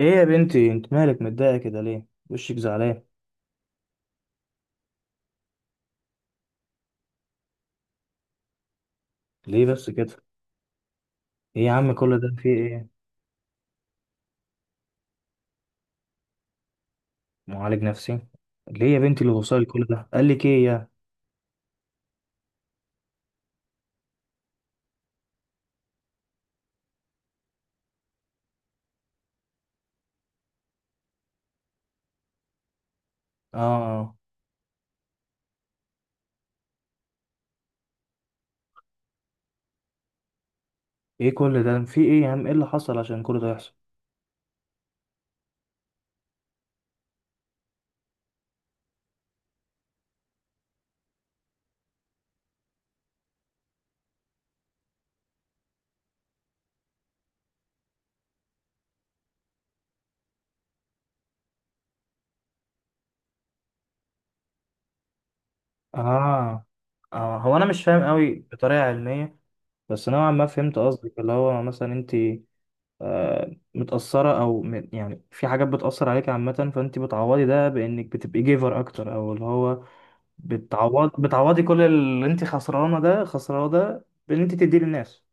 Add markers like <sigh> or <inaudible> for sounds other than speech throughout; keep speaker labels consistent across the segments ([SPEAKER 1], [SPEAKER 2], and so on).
[SPEAKER 1] ايه يا بنتي، انت مالك متضايقه كده ليه؟ وشك زعلان ليه بس كده؟ ايه يا عم، كل ده فيه ايه؟ معالج نفسي؟ ليه يا بنتي اللي وصل كل ده؟ قال لك ايه يا اه آه. ايه كل ده، في ايه يا عم؟ ايه اللي حصل عشان كل ده يحصل؟ اه اه، هو انا مش فاهم قوي بطريقه علميه، بس نوعا ما فهمت قصدك، اللي هو مثلا انت متأثرة او يعني في حاجات بتأثر عليك عامة، فانت بتعوضي ده بانك بتبقي جيفر اكتر، او اللي هو بتعوضي كل اللي انت خسرانه ده، خسرانه ده بان انت تديه للناس.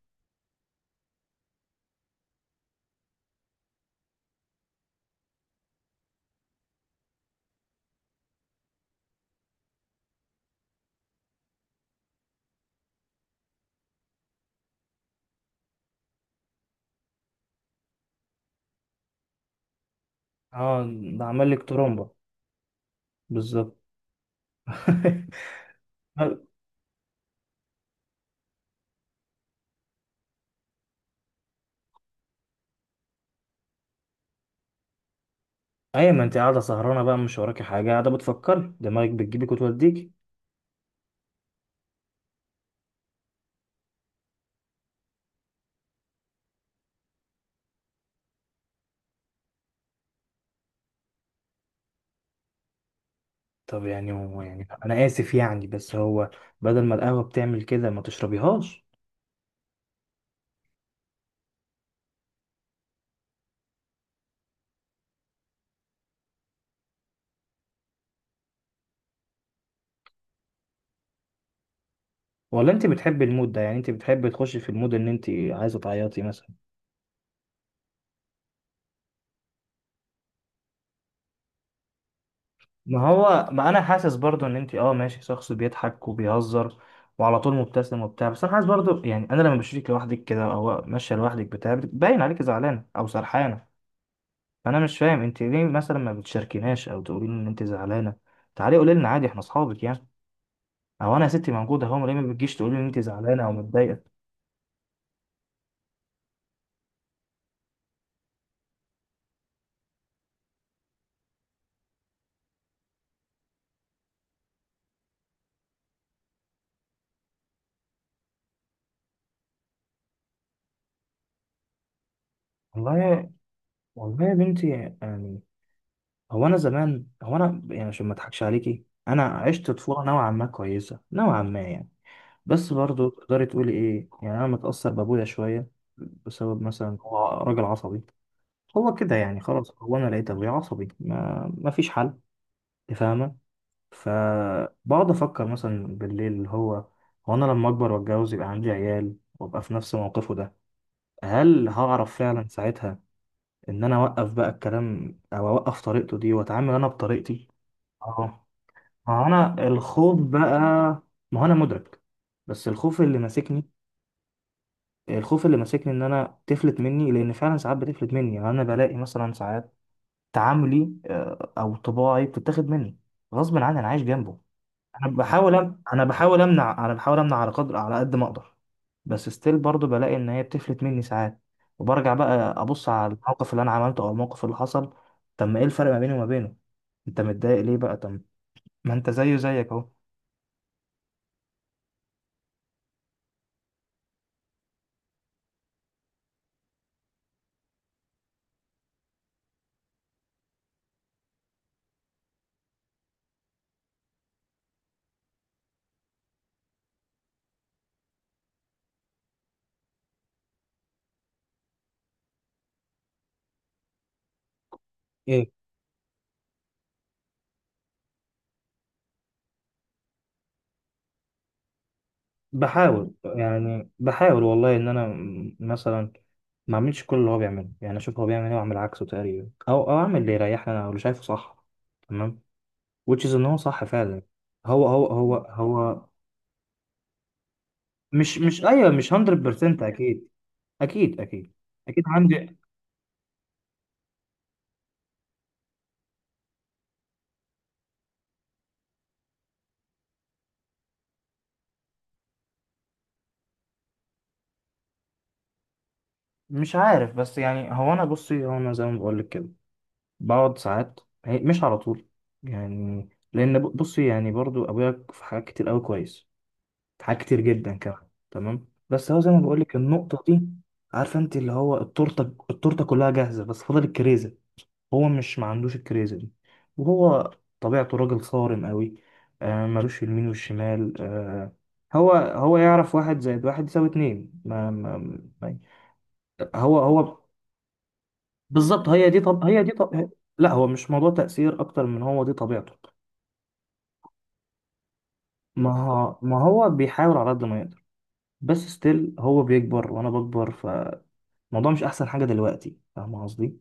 [SPEAKER 1] اه ده عمل لك ترومبا؟ بالظبط. <laughs> ايوه، ما انت قاعده سهرانه بقى، مش وراكي حاجه، قاعده بتفكري، دماغك بتجيبك وتوديكي. طب يعني هو، يعني انا اسف يعني، بس هو بدل ما القهوه بتعمل كده ما تشربيهاش؟ ولا انت بتحبي المود ده؟ يعني انت بتحبي تخشي في المود ان انت عايزه تعيطي مثلا؟ ما هو، ما انا حاسس برضو ان انت اه ماشي شخص بيضحك وبيهزر وعلى طول مبتسم وبتاع، بس انا حاسس برضو، يعني انا لما بشوفك لوحدك كده او ماشيه لوحدك بتاع، باين عليك زعلانه او سرحانه. فانا مش فاهم انت ليه مثلا ما بتشاركيناش، او تقولي لي ان انت زعلانه. تعالي قولي لنا عادي، احنا اصحابك يعني. او انا يا ستي موجوده اهو، ليه ما بتجيش تقولي لي ان انت زعلانه او متضايقه؟ والله، والله يا بنتي، يعني هو انا زمان، هو انا يعني عشان ما اضحكش عليكي، انا عشت طفوله نوعا ما كويسه نوعا ما يعني، بس برضه تقدري تقولي ايه، يعني انا متأثر بابويا شوية، بسبب مثلا هو راجل عصبي. هو كده يعني، خلاص هو انا لقيت ابويا عصبي، ما فيش حل. أنت فاهمة؟ فبقعد افكر مثلا بالليل، اللي هو هو انا لما اكبر واتجوز يبقى عندي عيال وابقى في نفس موقفه ده، هل هعرف فعلا ساعتها ان انا اوقف بقى الكلام او اوقف طريقته دي واتعامل انا بطريقتي؟ اه. ما هو انا الخوف بقى، ما هو انا مدرك، بس الخوف اللي ماسكني، الخوف اللي ماسكني ان انا تفلت مني، لان فعلا ساعات بتفلت مني، يعني انا بلاقي مثلا ساعات تعاملي او طباعي بتتاخد مني غصب عني، انا عايش جنبه. انا بحاول امنع، انا بحاول امنع على قدر، على قد ما اقدر. بس ستيل برضه بلاقي ان هي بتفلت مني ساعات، وبرجع بقى ابص على الموقف اللي انا عملته او الموقف اللي حصل. طب ما ايه الفرق ما بيني وما بينه؟ انت متضايق ليه بقى طب؟ ما انت زيه زيك اهو. ايه؟ بحاول يعني، بحاول والله ان انا مثلا ما اعملش كل اللي هو بيعمله، يعني اشوف هو بيعمل ايه واعمل عكسه تقريبا، او اعمل اللي يريحني انا واللي شايفه صح. تمام. which is ان هو صح فعلا. هو مش ايوه، مش 100% اكيد. اكيد، اكيد، اكيد عندي. مش عارف، بس يعني هو انا بصي، هو انا زي ما بقول لك كده، بقعد ساعات، مش على طول، يعني لان بصي، يعني برضو ابويا في حاجات كتير قوي كويس، حاجات كتير جدا كمان تمام، بس هو زي ما بقول لك النقطة دي، عارفة انت اللي هو التورتة، التورتة كلها جاهزة بس فاضل الكريزة، هو مش ما عندوش الكريزة دي. وهو طبيعته راجل صارم قوي آه، ملوش في اليمين والشمال آه، هو يعرف واحد زائد واحد يساوي اتنين ما- هو بالظبط. هي دي طب، هي دي طب، لا هو مش موضوع تأثير أكتر من هو دي طبيعته. ما هو بيحاول على قد ما يقدر، بس ستيل هو بيكبر وأنا بكبر، الموضوع مش احسن حاجه دلوقتي، فاهم قصدي؟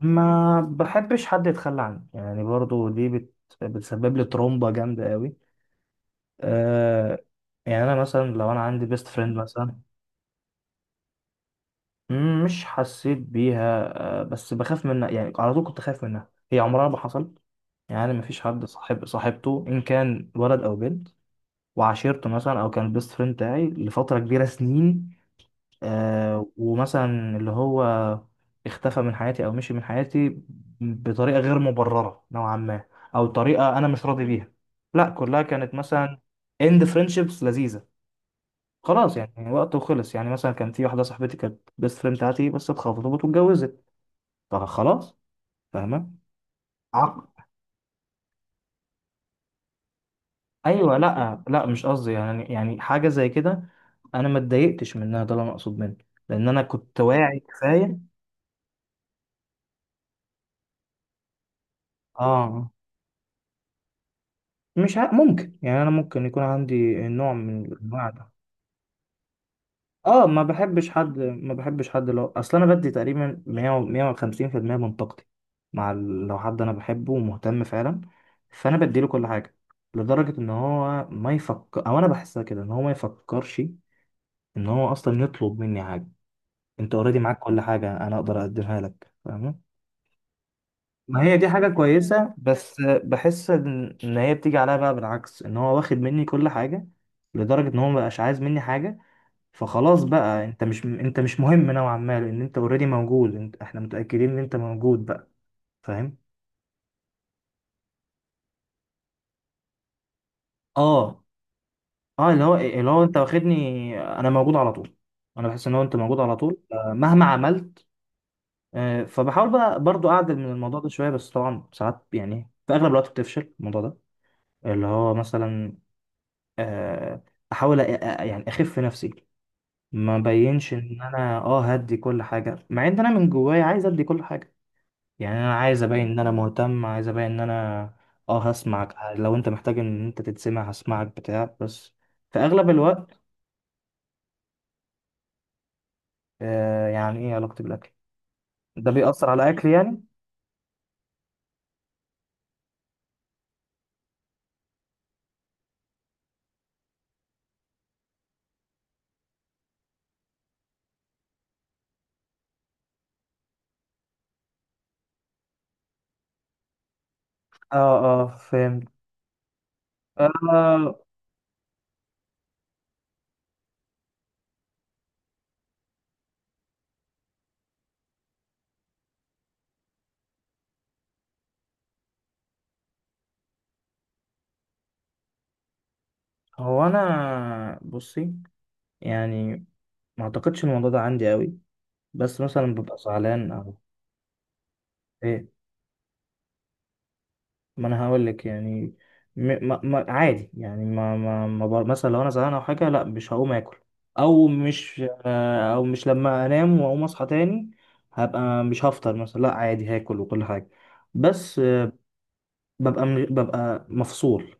[SPEAKER 1] ما بحبش حد يتخلى عني، يعني برضو بتسبب لي ترومبه جامده قوي آه، يعني انا مثلا لو انا عندي بيست فريند مثلا، مش حسيت بيها آه، بس بخاف منها يعني، على طول كنت خايف منها، هي عمرها ما حصل، يعني مفيش حد صاحب صاحبته ان كان ولد او بنت وعشيرته مثلا، او كان البيست فريند بتاعي لفتره كبيره سنين ومثلا اللي هو اختفى من حياتي او مشي من حياتي بطريقه غير مبرره نوعا ما، او طريقه انا مش راضي بيها. لا، كلها كانت مثلا اند فريندشيبس لذيذه، خلاص يعني وقت وخلص، يعني مثلا كان في واحده صاحبتي كانت بيست فريند بتاعتي بس اتخطبت واتجوزت، فخلاص. فاهمه؟ عق ايوه، لا لا، مش قصدي يعني، يعني حاجه زي كده، انا ما اتضايقتش منها، ده اللي انا اقصد منه، لان انا كنت واعي كفايه. اه، مش ع... ممكن يعني انا ممكن يكون عندي نوع من الانواع ده. اه، ما بحبش حد لو، اصل انا بدي تقريبا 100 و- 150% من طاقتي مع ال... لو حد انا بحبه ومهتم فعلا، فانا بديله كل حاجه، لدرجه ان هو ما يفكر، او انا بحسها كده ان هو ما يفكرش ان هو اصلا يطلب مني حاجه. انت اوريدي معاك كل حاجه انا اقدر اقدمها لك، فاهم؟ ما هي دي حاجة كويسة، بس بحس إن هي بتيجي عليها بقى بالعكس، إن هو واخد مني كل حاجة لدرجة إن هو مبقاش عايز مني حاجة، فخلاص بقى أنت مش مهم نوعا ما، لأن أنت أوريدي موجود، أنت، إحنا متأكدين إن أنت موجود بقى، فاهم؟ آه آه، اللي هو إيه؟ اللي هو أنت واخدني أنا موجود على طول، أنا بحس إن هو أنت موجود على طول مهما عملت. فبحاول بقى برضو أعدل من الموضوع ده شوية، بس طبعا ساعات يعني في أغلب الوقت بتفشل الموضوع ده، اللي هو مثلا، آه، احاول يعني اخف نفسي، ما بينش ان انا اه هدي كل حاجه، مع ان انا من جوايا عايز ادي كل حاجه، يعني انا عايز ابين ان انا مهتم، عايز ابين ان انا اه هسمعك لو انت محتاج ان انت تتسمع، هسمعك بتاع، بس في اغلب الوقت آه. يعني ايه علاقتي بالاكل؟ ده بيأثر على اكلي يعني؟ اه اه، فهمت. آه، هو انا بصي يعني ما اعتقدش الموضوع ده عندي قوي، بس مثلا ببقى زعلان او إيه، ما انا هقول لك يعني، م... ما... ما... عادي يعني، ما ما, ما بر... مثلا لو انا زهقان او حاجه لا مش هقوم اكل، او مش او مش، لما انام واقوم اصحى تاني هبقى مش هفطر مثلا، لا عادي هاكل وكل حاجه، بس ببقى ببقى مفصول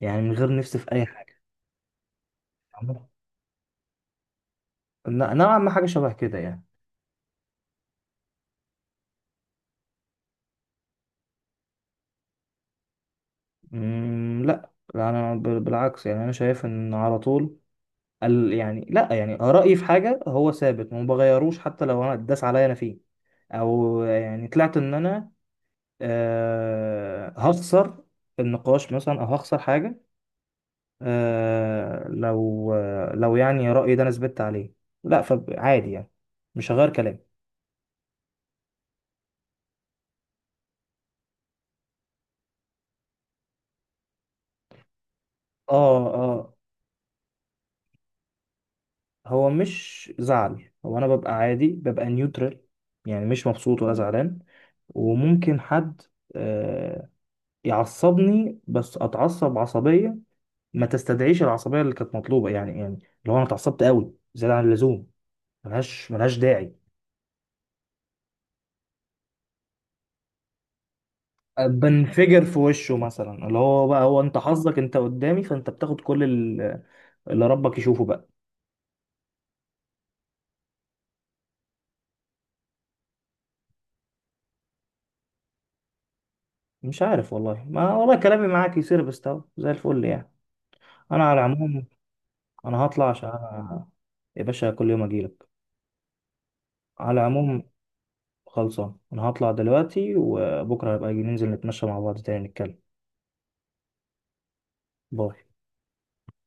[SPEAKER 1] يعني، من غير نفسي في اي حاجه. نوعا ما حاجه شبه كده يعني. لا لا، انا بالعكس يعني، انا شايف ان على طول يعني لا، يعني رايي في حاجه هو ثابت وما بغيروش حتى لو انا اتداس عليا انا فيه، او يعني طلعت ان انا هخسر النقاش مثلا او هخسر حاجه، لو يعني رايي ده انا ثبت عليه، لا فعادي يعني مش هغير كلامي. اه، هو مش زعل، هو انا ببقى عادي، ببقى نيوترال يعني، مش مبسوط ولا زعلان. وممكن حد آه، يعصبني بس اتعصب عصبيه ما تستدعيش العصبيه اللي كانت مطلوبه، يعني يعني اللي هو انا اتعصبت قوي زياده عن اللزوم، ملهاش داعي. بنفجر في وشه مثلا، اللي هو بقى هو انت حظك انت قدامي، فانت بتاخد كل اللي ربك يشوفه بقى. مش عارف والله، ما والله كلامي معاك يصير بستو زي الفل يعني. انا على العموم، انا هطلع عشان أنا، يا باشا كل يوم اجيلك. على العموم، خلصان، انا هطلع دلوقتي وبكره هبقى أجي، ننزل نتمشى مع بعض تاني نتكلم. باي.